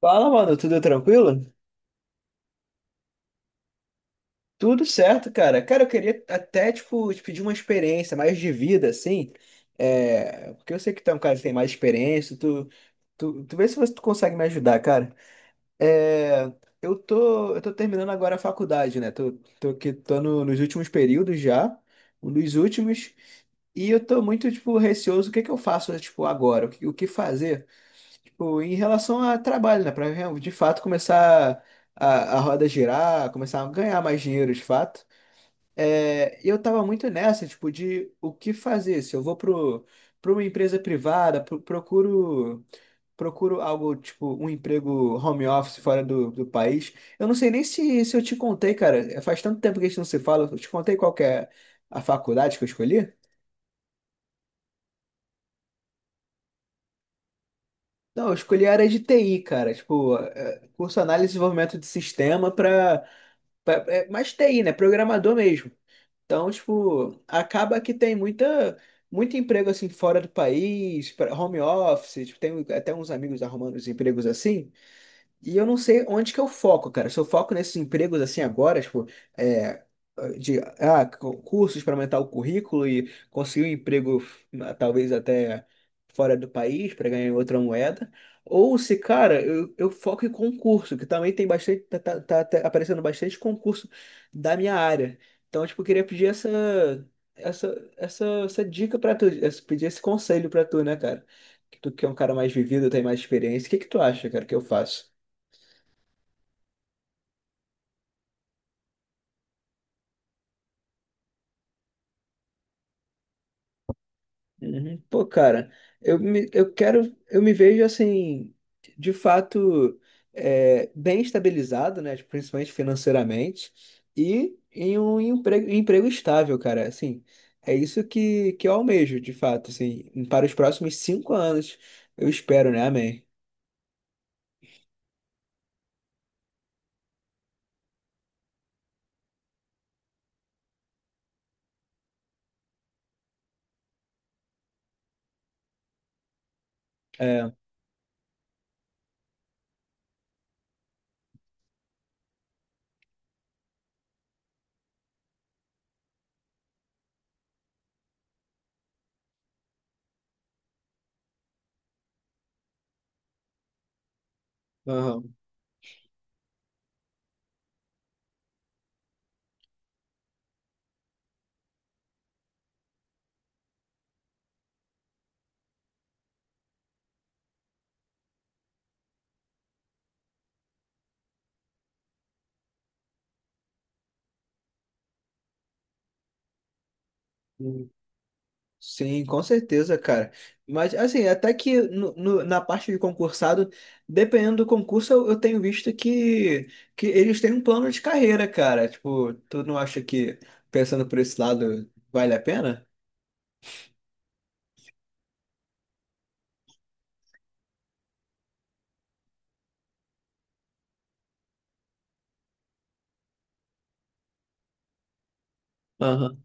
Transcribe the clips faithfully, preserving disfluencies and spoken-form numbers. Fala, mano, tudo tranquilo? Tudo certo, cara. Cara, eu queria até, tipo, te pedir uma experiência mais de vida, assim. É... Porque eu sei que tu é um cara que tem mais experiência. Tu, tu, tu vê se você tu consegue me ajudar, cara. É... Eu tô, eu tô terminando agora a faculdade, né? Tô, tô aqui, tô no- nos últimos períodos já. Um dos últimos. E eu tô muito, tipo, receoso. O que que eu faço, tipo, agora? O que, o que fazer? Pô, em relação a trabalho, né? Para de fato começar a, a roda girar, começar a ganhar mais dinheiro de fato. É, eu tava muito nessa, tipo, de o que fazer. Se eu vou pro, pra uma empresa privada, pro- procuro, procuro algo, tipo, um emprego home office fora do, do país. Eu não sei nem se, se eu te contei, cara. é, Faz tanto tempo que a gente não se fala. Eu te contei qual que é a faculdade que eu escolhi? Não, eu escolhi a área de T I, cara. Tipo, é, curso análise e desenvolvimento de sistema para Pa- é mais T I, né? Programador mesmo. Então, tipo, acaba que tem muita, muito emprego assim fora do país, pra- home office, tipo, tem um, até uns amigos arrumando os empregos assim. E eu não sei onde que eu foco, cara. Se eu foco nesses empregos assim agora, tipo, é, de ah, cu- cursos para aumentar o currículo e conseguir um emprego ah, talvez até fora do país para ganhar em outra moeda. Ou se, cara, eu, eu foco em concurso, que também tem bastante, tá, tá- tá- tá aparecendo bastante concurso da minha área. Então, tipo, eu queria pedir essa, essa, essa, essa dica para tu, esse- pedir esse conselho para tu, né, cara? Que tu que é um cara mais vivido, tem mais experiência. O que que tu acha, cara, que eu faço? Uhum. Pô, cara, eu me, eu quero, eu me vejo assim, de fato, é, bem estabilizado, né? Tipo, principalmente financeiramente, e em um emprego, emprego estável, cara. Assim, é isso que, que eu almejo, de fato, assim, para os próximos cinco anos, eu espero, né? Amém. É, aham. Sim, com certeza, cara. Mas, assim, até que no, no- na parte de concursado, dependendo do concurso, eu, eu tenho visto que, que eles têm um plano de carreira, cara. Tipo, tu não acha que, pensando por esse lado, vale a pena? Aham.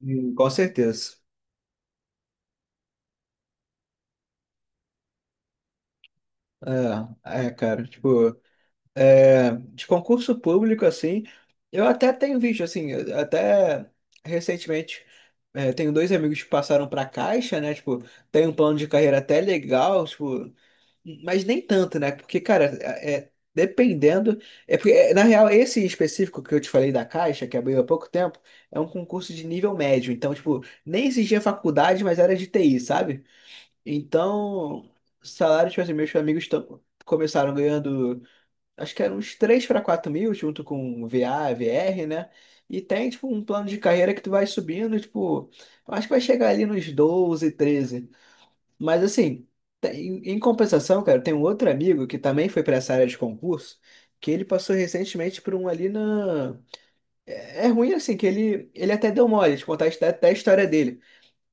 Hum, com certeza. É, é, cara, tipo, é, de concurso público, assim, eu até tenho visto, assim, eu- até recentemente, é, tenho dois amigos que passaram pra Caixa, né, tipo, tem um plano de carreira até legal, tipo, mas nem tanto, né? Porque, cara, é, é- dependendo. É porque, é, na real, esse específico que eu te falei da Caixa, que abriu há pouco tempo, é um concurso de nível médio. Então, tipo, nem exigia faculdade, mas era de T I, sabe? Então, salário, tipo assim, meus amigos tão- começaram ganhando, acho que era uns três para quatro mil, junto com V A, V R, né? E tem, tipo, um plano de carreira que tu vai subindo, tipo, eu acho que vai chegar ali nos doze, treze. Mas assim, tem- em em compensação, cara, tem um outro amigo que também foi para essa área de concurso, que ele passou recentemente por um ali na. É é ruim assim, que ele, ele até deu mole de contar a histó- até a história dele.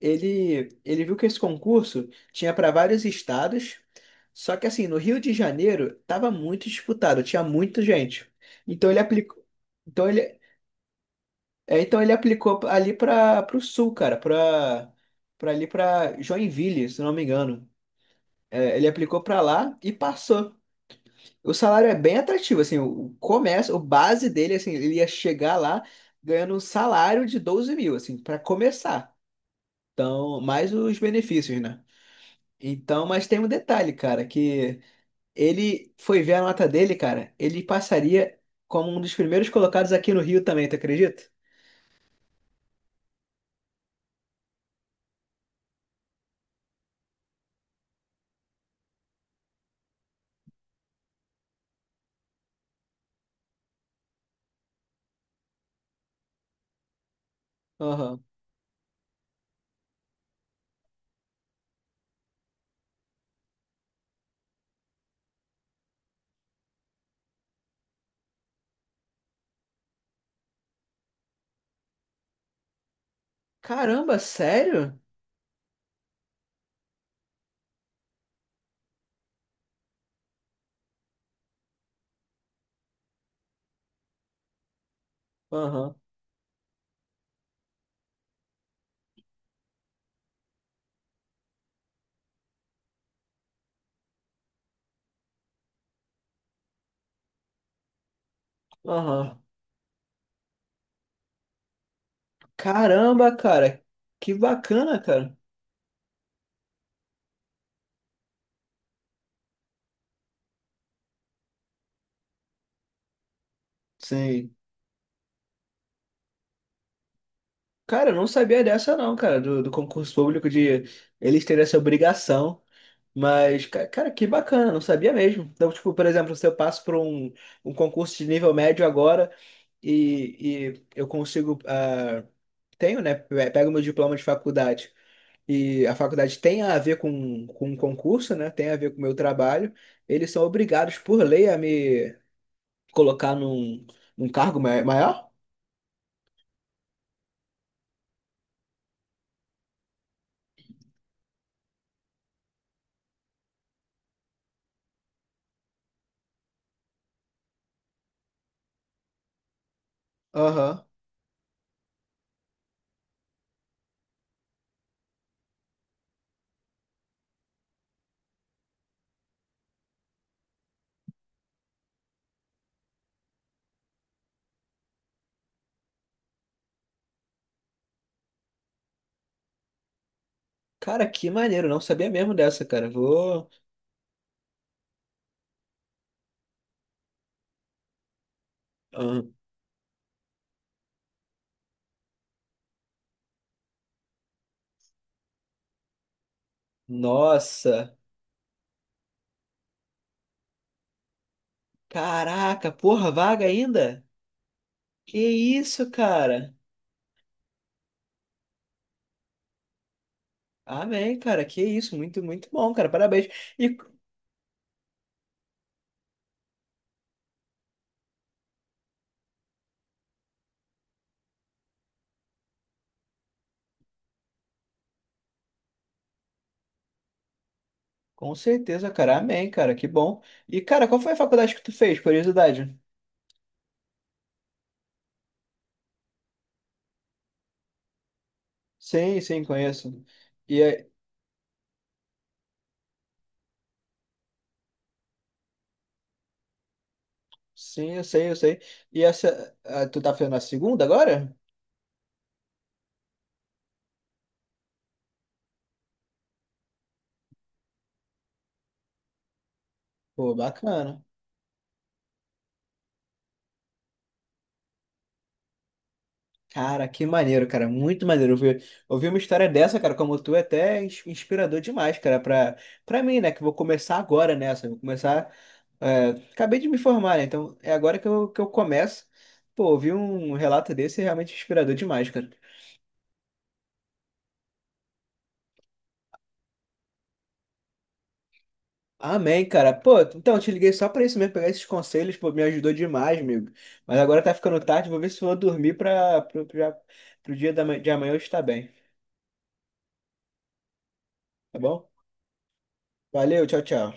Ele, ele viu que esse concurso tinha para vários estados, só que assim, no Rio de Janeiro tava muito disputado, tinha muita gente. Então ele aplicou, então ele, é, então ele aplicou ali para o sul, cara, para para ali para Joinville, se não me engano. É, ele aplicou para lá e passou. O salário é bem atrativo, assim, o o começo, o base dele, assim, ele ia chegar lá ganhando um salário de doze mil, assim, para começar. Então, mais os benefícios, né? Então, mas tem um detalhe, cara, que ele foi ver a nota dele, cara, ele passaria como um dos primeiros colocados aqui no Rio também, tu acredita? Aham. Caramba, sério? Aham, aham. Caramba, cara, que bacana, cara. Sim. Cara, eu não sabia dessa não, cara, do, do concurso público de eles terem essa obrigação. Mas, ca- cara, que bacana, não sabia mesmo. Então, tipo, por exemplo, se eu passo por um, um concurso de nível médio agora e, e, eu consigo, ah, tenho, né, pe- pego meu diploma de faculdade e a faculdade tem a ver com, com o concurso, né, tem a ver com o meu trabalho, eles são obrigados por lei a me colocar num, num cargo ma- maior? Aham. Cara, que maneiro, não sabia mesmo dessa, cara. Vou. Ah, nossa, caraca, porra, vaga ainda? Que isso, cara? Amém, cara, que isso, muito, muito bom, cara, parabéns. E com certeza, cara, amém, cara, que bom. E, cara, qual foi a faculdade que tu fez, curiosidade? Sim, sim, conheço. E aí- sim, eu sei, eu sei. E essa, ah, tu tá fazendo a segunda agora? Pô, bacana. Cara, que maneiro, cara. Muito maneiro. Ouvir, ouvir uma história dessa, cara, como tu, é até ins- inspirador demais, cara, pra, pra mim, né? Que eu vou começar agora nessa. Vou começar. é, acabei de me formar, né? Então é agora que eu, que eu começo. Pô, ouvir um relato desse é realmente inspirador demais, cara. Amém, cara. Pô, então eu te liguei só pra isso mesmo, pegar esses conselhos, pô, me ajudou demais, amigo. Mas agora tá ficando tarde, vou ver se eu vou dormir pra, pro, pra- pro dia da, ma- de amanhã eu estar bem, tá bom? Valeu, tchau, tchau.